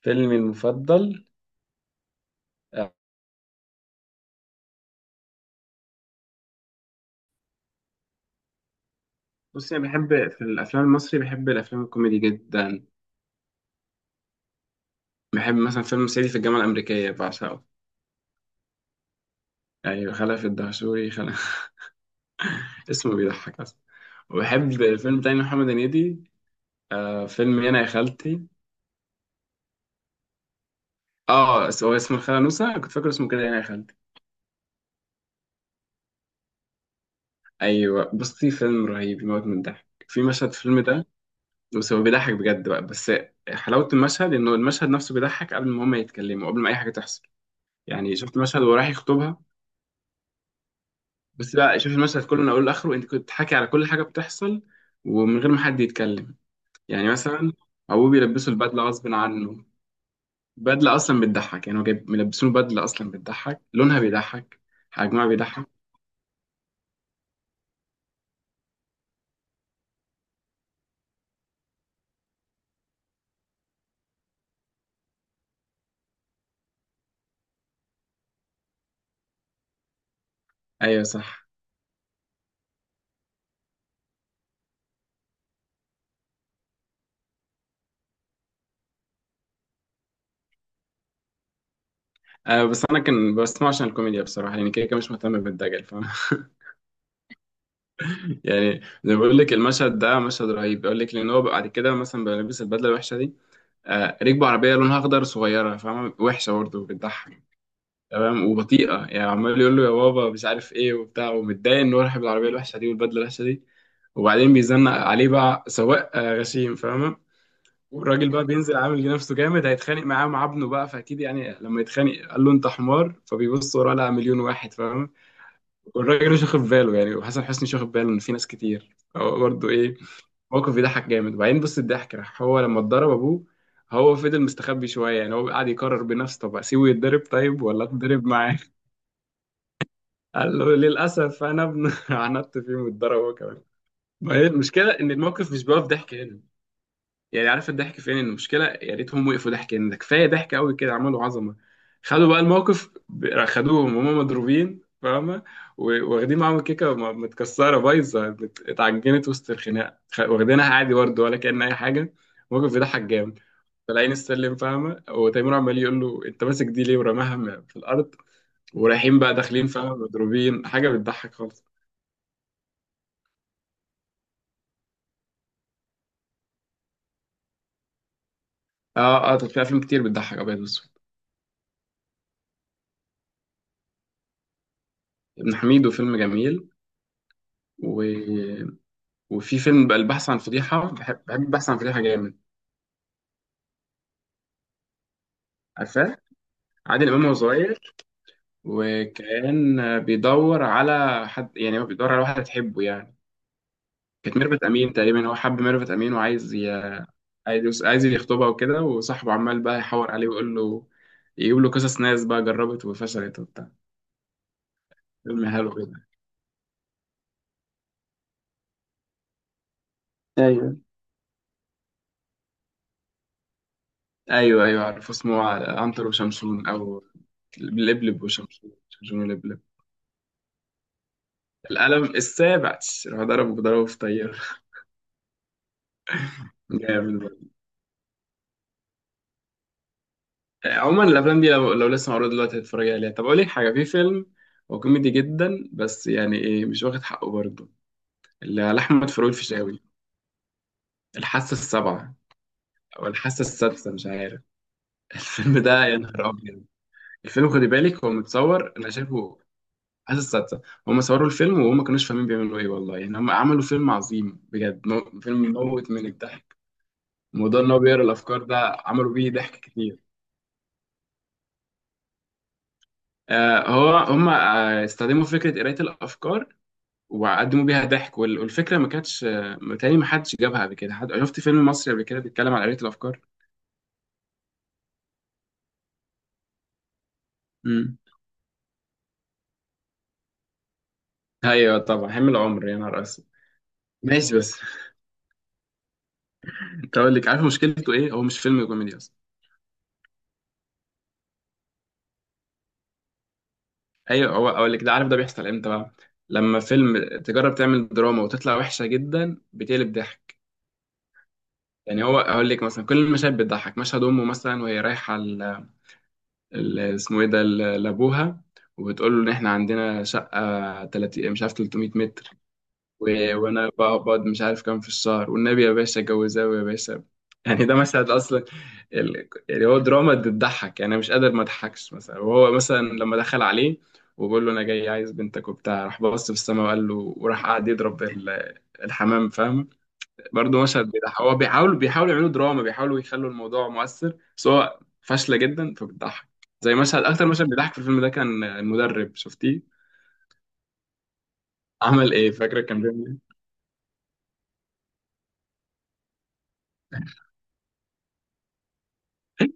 فيلمي المفضل. آه، بص انا بحب في الافلام المصري، بحب الافلام الكوميدي جدا. بحب مثلا فيلم صعيدي في الجامعه الامريكيه، بعشقه. يعني خلف الدهشوري خلف اسمه بيضحك اصلا. وبحب فيلم تاني محمد هنيدي، فيلم يانا يا خالتي. اه، هو اسمه الخاله نوسه، أنا كنت فاكر اسمه كده يانا يا خالتي. ايوه، بصي فيلم رهيب، يموت من الضحك، في مشهد في الفيلم ده. بس هو بيضحك بجد بقى بس. حلاوه المشهد انه المشهد نفسه بيضحك قبل ما هما يتكلموا، قبل ما اي حاجه تحصل. يعني شفت مشهد وهو رايح يخطبها. بس لا، شوف المشهد كله من اوله لاخره، انت كنت حاكي على كل حاجه بتحصل ومن غير ما حد يتكلم. يعني مثلا، ابوه بيلبسه البدله غصب عنه. بدله اصلا بتضحك، يعني هو جايب ملبسينه بدله اصلا بتضحك، لونها بيضحك، حجمها بيضحك. ايوه صح. أه بس انا كان بسمع عشان الكوميديا بصراحه، يعني كده كده مش مهتم بالدجل، فاهم؟ يعني، زي ما بقول لك المشهد ده مشهد رهيب، بقول لك لان هو بعد كده مثلا بيلبس البدله الوحشه دي. ركبه عربيه لونها اخضر صغيره، فاهمه؟ وحشه برضه، بتضحك. تمام، وبطيئه، يعني عمال يقول له يا بابا مش عارف ايه وبتاع، ومتضايق ان هو رايح بالعربيه الوحشه دي والبدله الوحشه دي. وبعدين بيزنق عليه بقى سواق غشيم، فاهمه؟ والراجل بقى بينزل عامل نفسه جامد، هيتخانق معاه مع ابنه بقى، فاكيد يعني لما يتخانق قال له انت حمار، فبيبص وراه لقى مليون واحد، فاهم؟ والراجل مش واخد باله يعني، وحسن حسني مش واخد باله ان في ناس كتير هو برضه ايه. موقف بيضحك جامد. وبعدين بص الضحك راح هو لما اتضرب ابوه. هو فضل مستخبي شويه، يعني هو قاعد يقرر بنفسه طب اسيبه يتضرب طيب ولا اتضرب معاه. قال له للأسف أنا ابن عندت فيه، واتضرب هو كمان. ما هي المشكلة إن الموقف مش بيقف ضحك هنا. يعني عارف الضحك فين؟ المشكلة يا ريتهم وقفوا ضحك هنا، ده كفاية ضحك قوي كده، عملوا عظمة. خدوا بقى الموقف خدوهم وهم مضروبين، فاهمة؟ واخدين معاهم الكيكة متكسرة بايظة، اتعجنت وسط الخناقة، واخدينها عادي برضه ولا كأن أي حاجة. الموقف بيضحك جامد. طالعين السلم، فاهمة؟ وتيمور عمال يقول له أنت ماسك دي ليه، ورماها في الأرض. ورايحين بقى داخلين، فاهمة؟ مضروبين، حاجة بتضحك خالص. اه اه، طب في افلام كتير بتضحك ابيض واسود. ابن حميدو فيلم جميل. و... وفي فيلم بقى البحث عن فضيحه، بحب البحث عن فضيحه جامد. عارفاه؟ عادل امام وهو صغير. وكان بيدور على حد، يعني هو بيدور على واحده تحبه يعني. كانت ميرفت امين تقريبا، هو حب ميرفت امين، وعايز عايز يخطبها وكده، وصاحبه عمال بقى يحور عليه ويقول له، يجيب له قصص ناس بقى جربت وفشلت وبتاع. فيلم حلو كده. ايوه ايوه ايوه، عارف اسمه عنتر وشمشون او لبلب وشمشون، شمشون ولبلب. القلم السابع، راح ضربه بضربه في طياره جامد برضه. عموما الافلام دي لو لسه معروضه دلوقتي هتتفرج عليها. طب اقول لك حاجه، في فيلم هو كوميدي جدا بس يعني ايه، مش واخد حقه برضه. اللي على احمد فاروق الفيشاوي الحاسه السابعه او الحاسه السادسه، مش عارف الفيلم ده يا نهار ابيض. الفيلم خدي بالك هو متصور، انا شايفه عايز السادسة. هم صوروا الفيلم وهم ما كانوش فاهمين بيعملوا ايه والله، يعني هم عملوا فيلم عظيم بجد، فيلم موت من الضحك. موضوع ان هو بيقرا الافكار ده، عملوا بيه ضحك كتير. آه هو هم استخدموا فكرة قراية الافكار وقدموا بيها ضحك، والفكرة ما كانتش متهيألي ما حدش جابها قبل كده، حد شفت فيلم مصري قبل كده بيتكلم عن قراية الافكار؟ امم، ايوه طبعا حمل عمر، يا نهار اسود. ماشي بس انت اقول لك عارف مشكلته ايه؟ هو مش فيلم كوميدي اصلا. ايوه، هو اقول لك ده عارف ده بيحصل امتى بقى؟ لما فيلم تجرب تعمل دراما وتطلع وحشه جدا بتقلب ضحك. يعني هو اقول لك مثلا كل المشاهد بتضحك، مشهد امه مثلا وهي رايحه اسمه ايه ده لابوها، وبتقول له ان احنا عندنا شقه 30 مش عارف 300 متر، وانا بقعد مش عارف كام في الشهر، والنبي يا باشا اتجوزاه يا باشا. يعني ده مشهد اصلا، يعني هو دراما بتضحك، يعني انا مش قادر ما اضحكش. مثلا وهو مثلا لما دخل عليه وبقول له انا جاي عايز بنتك وبتاع، راح بص في السماء وقال له، وراح قعد يضرب الحمام، فاهم؟ برضه مشهد بيضحك. هو بيحاولوا يعملوا دراما، بيحاولوا يخلوا الموضوع مؤثر بس هو فاشله جدا فبتضحك. زي مشهد، اكتر مشهد بيضحك في الفيلم ده كان المدرب، شفتيه عمل ايه؟ فاكره كان بيعمل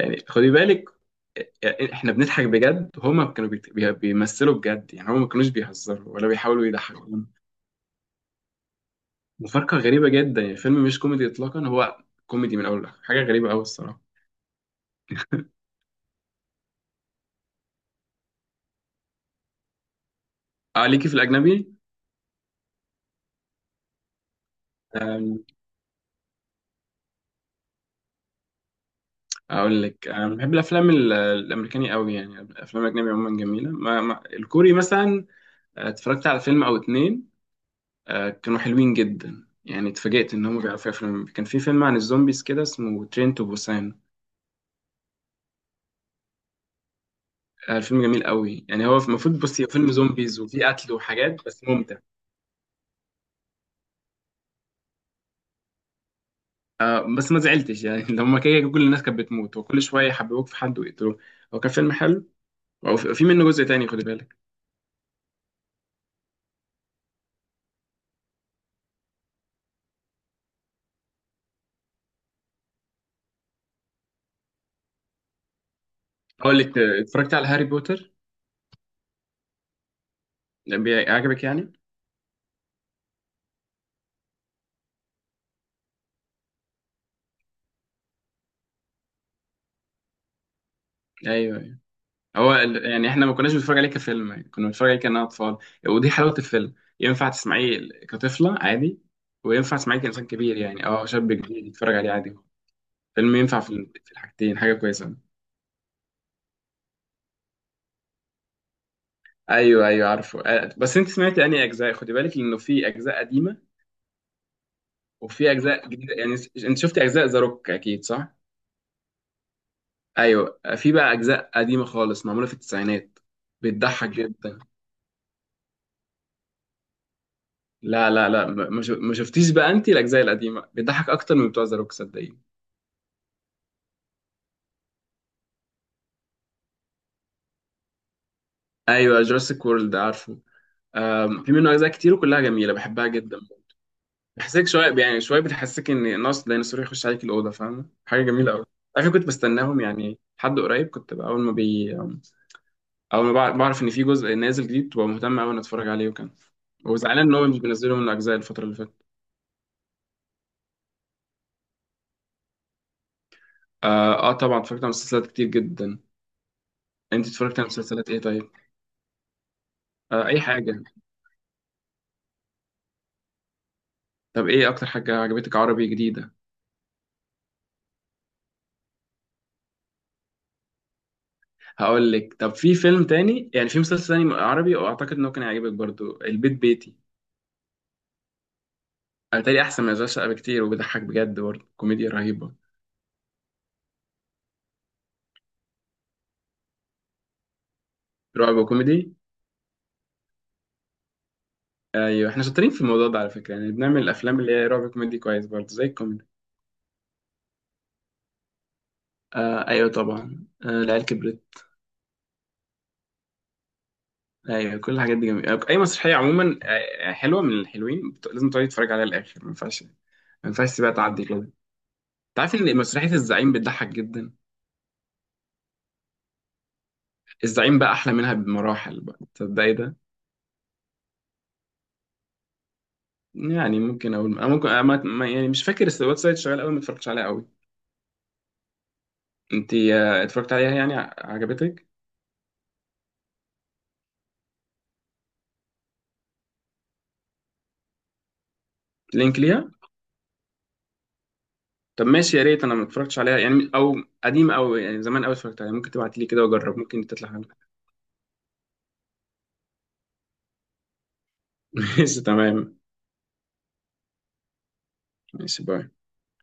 يعني خدي بالك، يعني احنا بنضحك بجد هما كانوا بيمثلوا بجد، يعني هما ما كانوش بيهزروا ولا بيحاولوا يضحكونا. مفارقة غريبة جدا، يعني الفيلم مش كوميدي اطلاقا، هو كوميدي من اول لاخر، حاجة غريبة قوي الصراحة. اه ليكي في الاجنبي. أم، اقول لك انا بحب الافلام الامريكاني قوي، يعني الافلام الاجنبي عموما جميلة. ما الكوري مثلا، اتفرجت على فيلم او اتنين، كانوا حلوين جدا، يعني اتفاجئت ان هم بيعرفوا يفلم. كان في فيلم عن الزومبيز كده اسمه ترين تو بوسان، الفيلم جميل قوي، يعني هو المفروض بص هو فيلم زومبيز وفيه قتل وحاجات بس ممتع. بس ما زعلتش يعني لما كده كل الناس كانت بتموت وكل شويه يحببوك في حد ويقتلوه. هو كان فيلم حلو، وفي منه جزء تاني، خد بالك. اقول لك، اتفرجت على هاري بوتر ده، عجبك يعني؟ ايوه، أيوة. هو يعني احنا ما كناش بنتفرج عليه كفيلم، يعني كنا بنتفرج عليه كأننا اطفال. ودي حلاوه الفيلم، ينفع تسمعيه كطفله عادي وينفع تسمعيه كإنسان كبير، يعني اه شاب كبير يتفرج عليه عادي. فيلم ينفع في الحاجتين، حاجه كويسه. ايوه ايوه عارفه، بس انت سمعت انهي اجزاء؟ خدي بالك انه في اجزاء قديمه وفي اجزاء جديده، يعني انت شفتي اجزاء ذا روك اكيد، صح؟ ايوه، في بقى اجزاء قديمه خالص معموله في التسعينات، بتضحك جدا. لا لا لا، ما شفتيش بقى، انت الاجزاء القديمه بتضحك اكتر من بتوع ذا روك، صدقيني. ايوه، جوراسيك وورلد عارفه. في منه اجزاء كتير وكلها جميله بحبها جدا. بحسك شويه، يعني شويه بتحسك ان ناس ديناصور يخش عليك الاوضه، فاهمه؟ حاجه جميله قوي. عارفه كنت بستناهم، يعني حد قريب كنت بقى اول ما بعرف ان في جزء نازل جديد، ببقى مهتم قوي ان اتفرج عليه، وكان وزعلان ان هو مش بينزله من الاجزاء الفتره اللي فاتت. اه طبعا اتفرجت على مسلسلات كتير جدا. انت اتفرجت على مسلسلات ايه طيب؟ اي حاجه. طب ايه اكتر حاجه عجبتك عربي جديده؟ هقول لك، طب في فيلم تاني يعني في مسلسل تاني عربي واعتقد انه كان هيعجبك برضو، البيت بيتي. انا تاني احسن من اشغال شقه بكتير وبيضحك بجد برضو، كوميديا رهيبه. رعب وكوميدي. ايوه احنا شاطرين في الموضوع ده على فكره، يعني بنعمل الافلام اللي هي رعب كوميدي كويس برضو زي الكوميدي. ايوه طبعا، العيال كبرت. ايوه كل الحاجات دي جميله، اي مسرحيه عموما حلوه من الحلوين، لازم تقعدي تتفرج عليها للاخر، ما ينفعش تسيبها تعدي كده انت. عارف ان مسرحيه الزعيم بتضحك جدا. الزعيم بقى احلى منها بمراحل بقى، تصدقي ده؟ يعني ممكن اقول أنا، ممكن أنا يعني مش فاكر الويب سايت شغال قوي، ما اتفرجتش عليها قوي. انت اتفرجت عليها يعني، عجبتك؟ لينك ليها. طب ماشي، يا ريت، انا ما اتفرجتش عليها يعني، او قديمه، او يعني زمان قوي اتفرجت عليها. ممكن تبعتي لي كده واجرب، ممكن تطلع حلوه. ماشي تمام. ماشي باي.